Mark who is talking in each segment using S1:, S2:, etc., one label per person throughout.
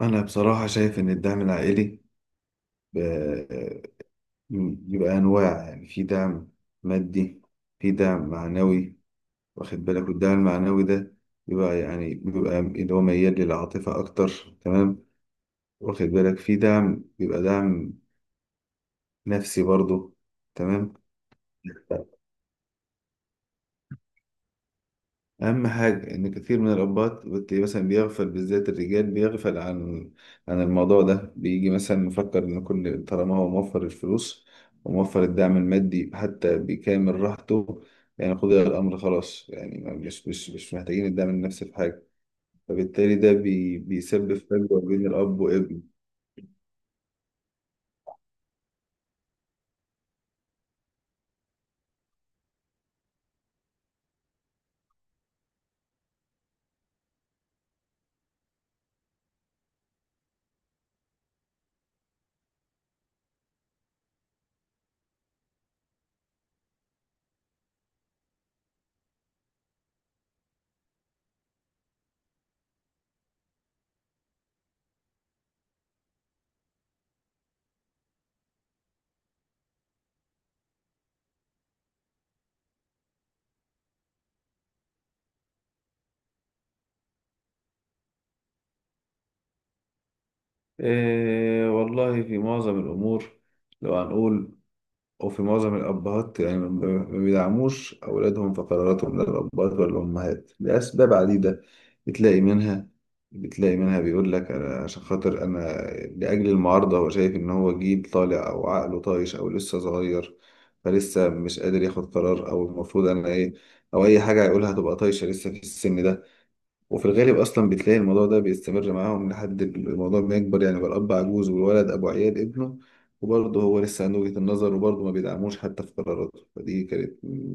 S1: أنا بصراحة شايف إن الدعم العائلي ب- بيبقى أنواع، يعني في دعم مادي، في دعم معنوي. واخد بالك، والدعم المعنوي ده بيبقى اللي هو ميال للعاطفة أكتر. تمام. واخد بالك، في دعم بيبقى دعم نفسي برضه. تمام. أهم حاجة إن كتير من الأبات بتلاقيه مثلا بيغفل، بالذات الرجال، بيغفل عن الموضوع ده، بيجي مثلا مفكر إن كل طالما هو موفر الفلوس وموفر الدعم المادي حتى بكامل راحته، يعني قضي الأمر خلاص، يعني مش محتاجين الدعم النفسي في حاجة. فبالتالي ده بيسبب فجوة بين الأب وابنه. إيه والله في معظم الأمور، لو هنقول، وفي معظم الأبهات يعني ما بيدعموش أولادهم في قراراتهم، لا الأبهات ولا الأمهات، لأسباب عديدة. بتلاقي منها بتلاقي منها بيقول لك أنا عشان خاطر أنا، لأجل المعارضة هو شايف إن هو جيل طالع أو عقله طايش أو لسه صغير، فلسه مش قادر ياخد قرار، أو المفروض أنا إيه، أو أي حاجة هيقولها تبقى طايشة لسه في السن ده. وفي الغالب اصلا بتلاقي الموضوع ده بيستمر معاهم لحد الموضوع ما يكبر، يعني بقى الاب عجوز والولد ابو عيال ابنه، وبرضه هو لسه عنده وجهة النظر، وبرضه ما بيدعموش حتى في قراراته، فدي كانت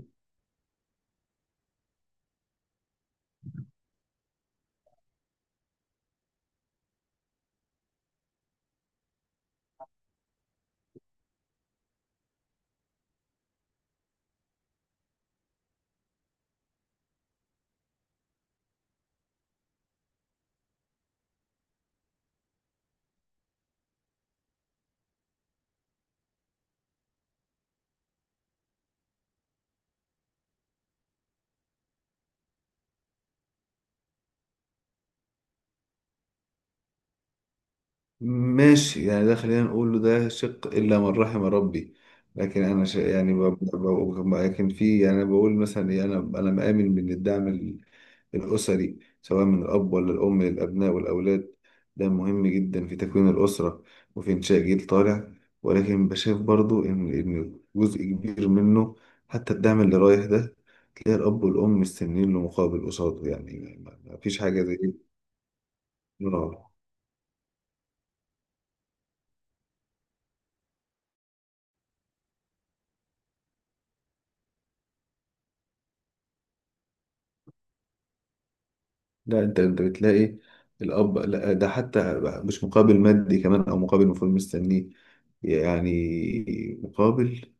S1: ماشي، يعني ده خلينا نقول له ده شق الا من رحم ربي. لكن انا ش... يعني ب... ب... ب... لكن في، يعني أنا بقول مثلا إيه، انا مآمن من الدعم الأسري، سواء من الأب ولا الأم للأبناء والأولاد. ده مهم جدا في تكوين الأسرة وفي إنشاء جيل طالع. ولكن بشايف برضو إن جزء كبير منه، حتى الدعم اللي رايح ده، تلاقي الأب والأم مستنيين له مقابل قصاده، يعني ما فيش حاجة زي دي. آه. لا، أنت بتلاقي الأب، لا ده حتى مش مقابل مادي كمان، أو مقابل المفروض مستنيه، يعني مقابل،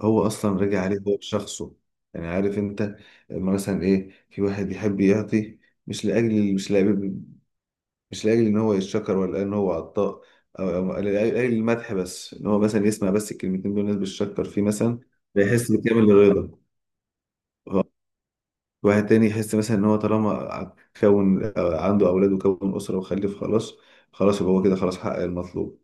S1: هو اصلا راجع عليه هو بشخصه. يعني عارف انت، لما مثلا ايه في واحد يحب يعطي، مش لاجل مش لاجل مش لاجل ان هو يتشكر، ولا ان هو عطاء، او أو لاجل المدح، بس ان هو مثلا يسمع بس الكلمتين دول الناس بتشكر فيه مثلا، فيحس بكامل الرضا. واحد تاني يحس مثلا ان هو طالما كون عنده اولاد وكون اسره وخلف خلاص، خلاص يبقى هو كده خلاص حقق المطلوب.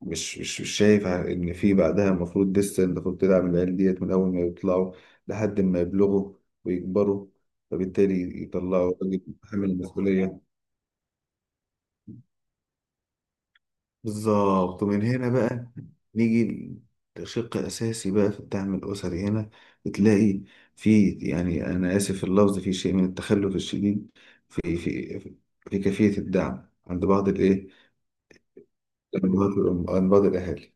S1: مش شايف ان في بعدها المفروض لسه، المفروض تدعم العيال ديت من اول ما يطلعوا لحد ما يبلغوا ويكبروا، فبالتالي يطلعوا راجل حامل المسؤولية. بالظبط، ومن هنا بقى نيجي الشق الأساسي بقى في الدعم الأسري. هنا بتلاقي في، يعني أنا آسف في اللفظ، في شيء من التخلف الشديد في في كيفية الدعم، عند بعض الإيه، عند بعض الأهالي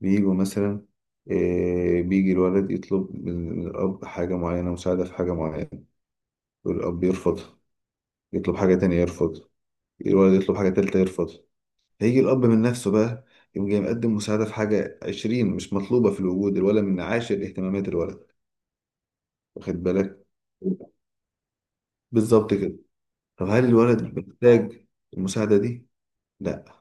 S1: بيجوا مثلا، بيجي الولد يطلب من الأب حاجة معينة، مساعدة في حاجة معينة والأب يرفض يطلب حاجة تانية يرفض الولد يطلب حاجة تالتة يرفض هيجي الأب من نفسه بقى يقوم جاي مقدم مساعدة في حاجة 20 مش مطلوبة في الوجود الولد، من عاشر اهتمامات الولد، واخد بالك. بالظبط كده. طب هل الولد محتاج المساعدة دي؟ لا.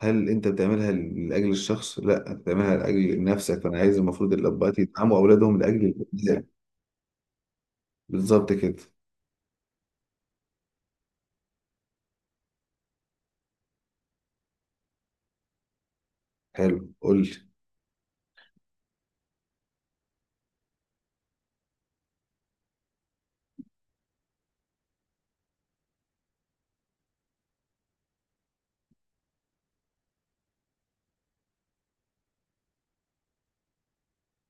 S1: هل انت بتعملها لاجل الشخص؟ لا، انت بتعملها لاجل نفسك. فانا عايز، المفروض الاباء يدعموا اولادهم لاجل الابناء. بالظبط كده. حلو، قول لي.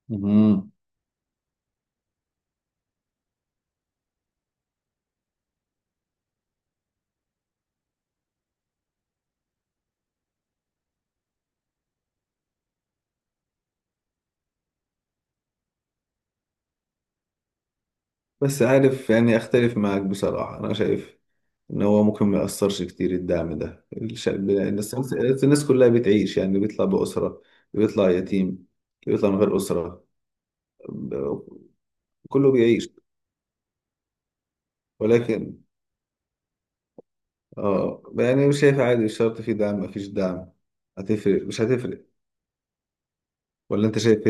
S1: مم. بس عارف، يعني اختلف معاك بصراحة، انا شايف ان هو ممكن ما يأثرش كتير الدعم ده. الشعب، الناس كلها بتعيش، يعني بيطلع بأسرة، بيطلع يتيم، بيطلع من غير أسرة، ب- كله بيعيش. ولكن اه يعني مش شايف، عادي مش شرط، في دعم ما فيش دعم، هتفرق مش هتفرق، ولا انت شايف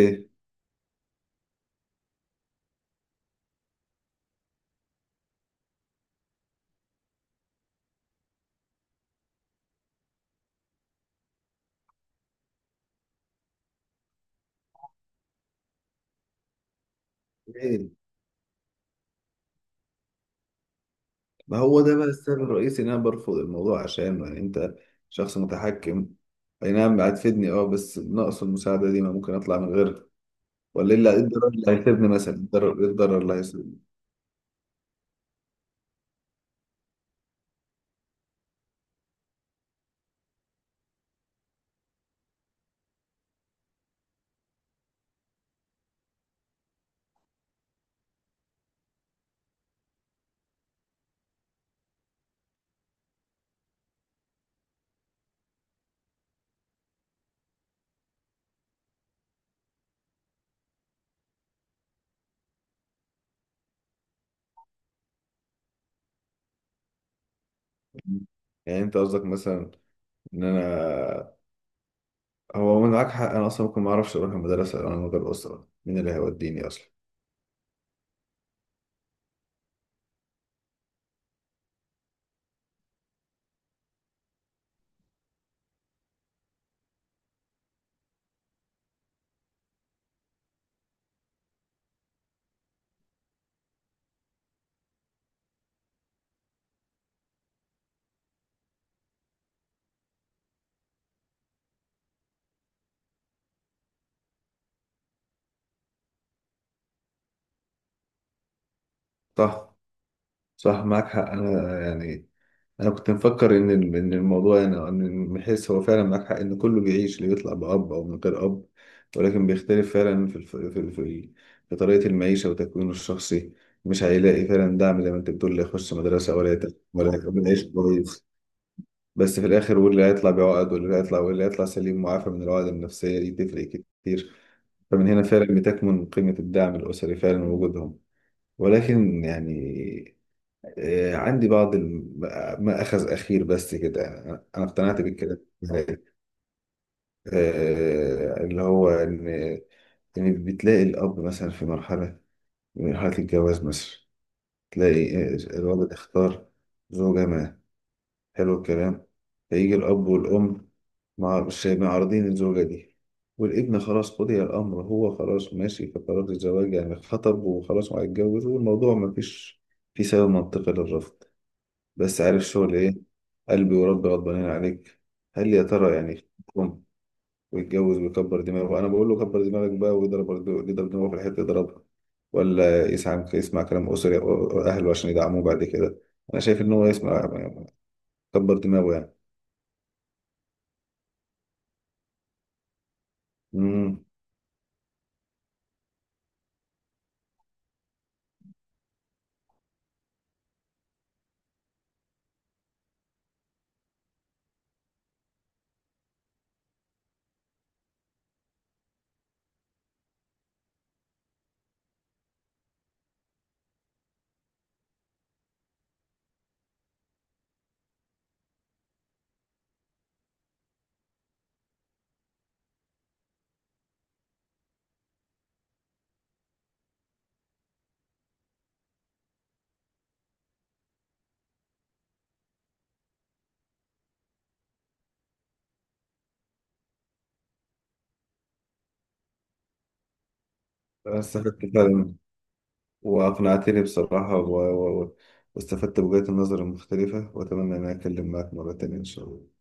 S1: ايه؟ ما هو ده بقى السبب الرئيسي ان انا برفض الموضوع، عشان يعني انت شخص متحكم. اي نعم هتفيدني بس ناقص المساعده دي، ما ممكن اطلع من غيرها؟ ولا إيه الضرر اللي هيسيبني مثلا، إيه الضرر اللي هيسيبني؟ يعني انت قصدك مثلا ان انا هو من معاك حق، انا اصلا ممكن ما اعرفش اروح المدرسه، لو انا من غير اسره مين اللي هيوديني اصلا. صح صح، معاك حق، انا يعني انا كنت مفكر ان الموضوع يعني، ان بحيث هو فعلا معاك حق، ان كله بيعيش، اللي بيطلع باب او من غير اب. ولكن بيختلف فعلا في طريقه المعيشه وتكوينه الشخصي. مش هيلاقي فعلا دعم زي ما انت بتقول، لا يخش مدرسه ولا ولا يكمل عيش كويس. بس في الاخر واللي هيطلع بعقد واللي هيطلع سليم معافى من العقد النفسيه دي، تفرق كتير. فمن هنا فعلا بتكمن قيمه الدعم الاسري فعلا ووجودهم، ولكن يعني عندي بعض ما أخذ أخير بس كده. أنا اقتنعت بالكلام ده. اللي هو إن بتلاقي الأب مثلا في مرحلة، من مرحلة الجواز مثلا، تلاقي الولد اختار زوجة ما. حلو الكلام. فيجي الأب والأم مش معارضين الزوجة دي، والابن خلاص قضي الأمر، هو خلاص ماشي في قرار الزواج يعني، خطب وخلاص وهيتجوز، والموضوع مفيش في سبب منطقي للرفض. بس عارف شغل ايه، قلبي وربي غضبانين عليك. هل يا ترى يعني يخون ويتجوز ويكبر دماغه، انا بقول له كبر دماغك بقى، ويضرب دماغه في الحته يضربها، ولا يسمع كلام اسري أو اهله عشان يدعموه بعد كده؟ انا شايف ان هو يسمع كبر دماغه يعني. امم. أنا استفدت فعلا، واقنعتني بصراحه واستفدت بوجهات النظر المختلفه، واتمنى ان أنا اتكلم معاك مره تانيه ان شاء الله.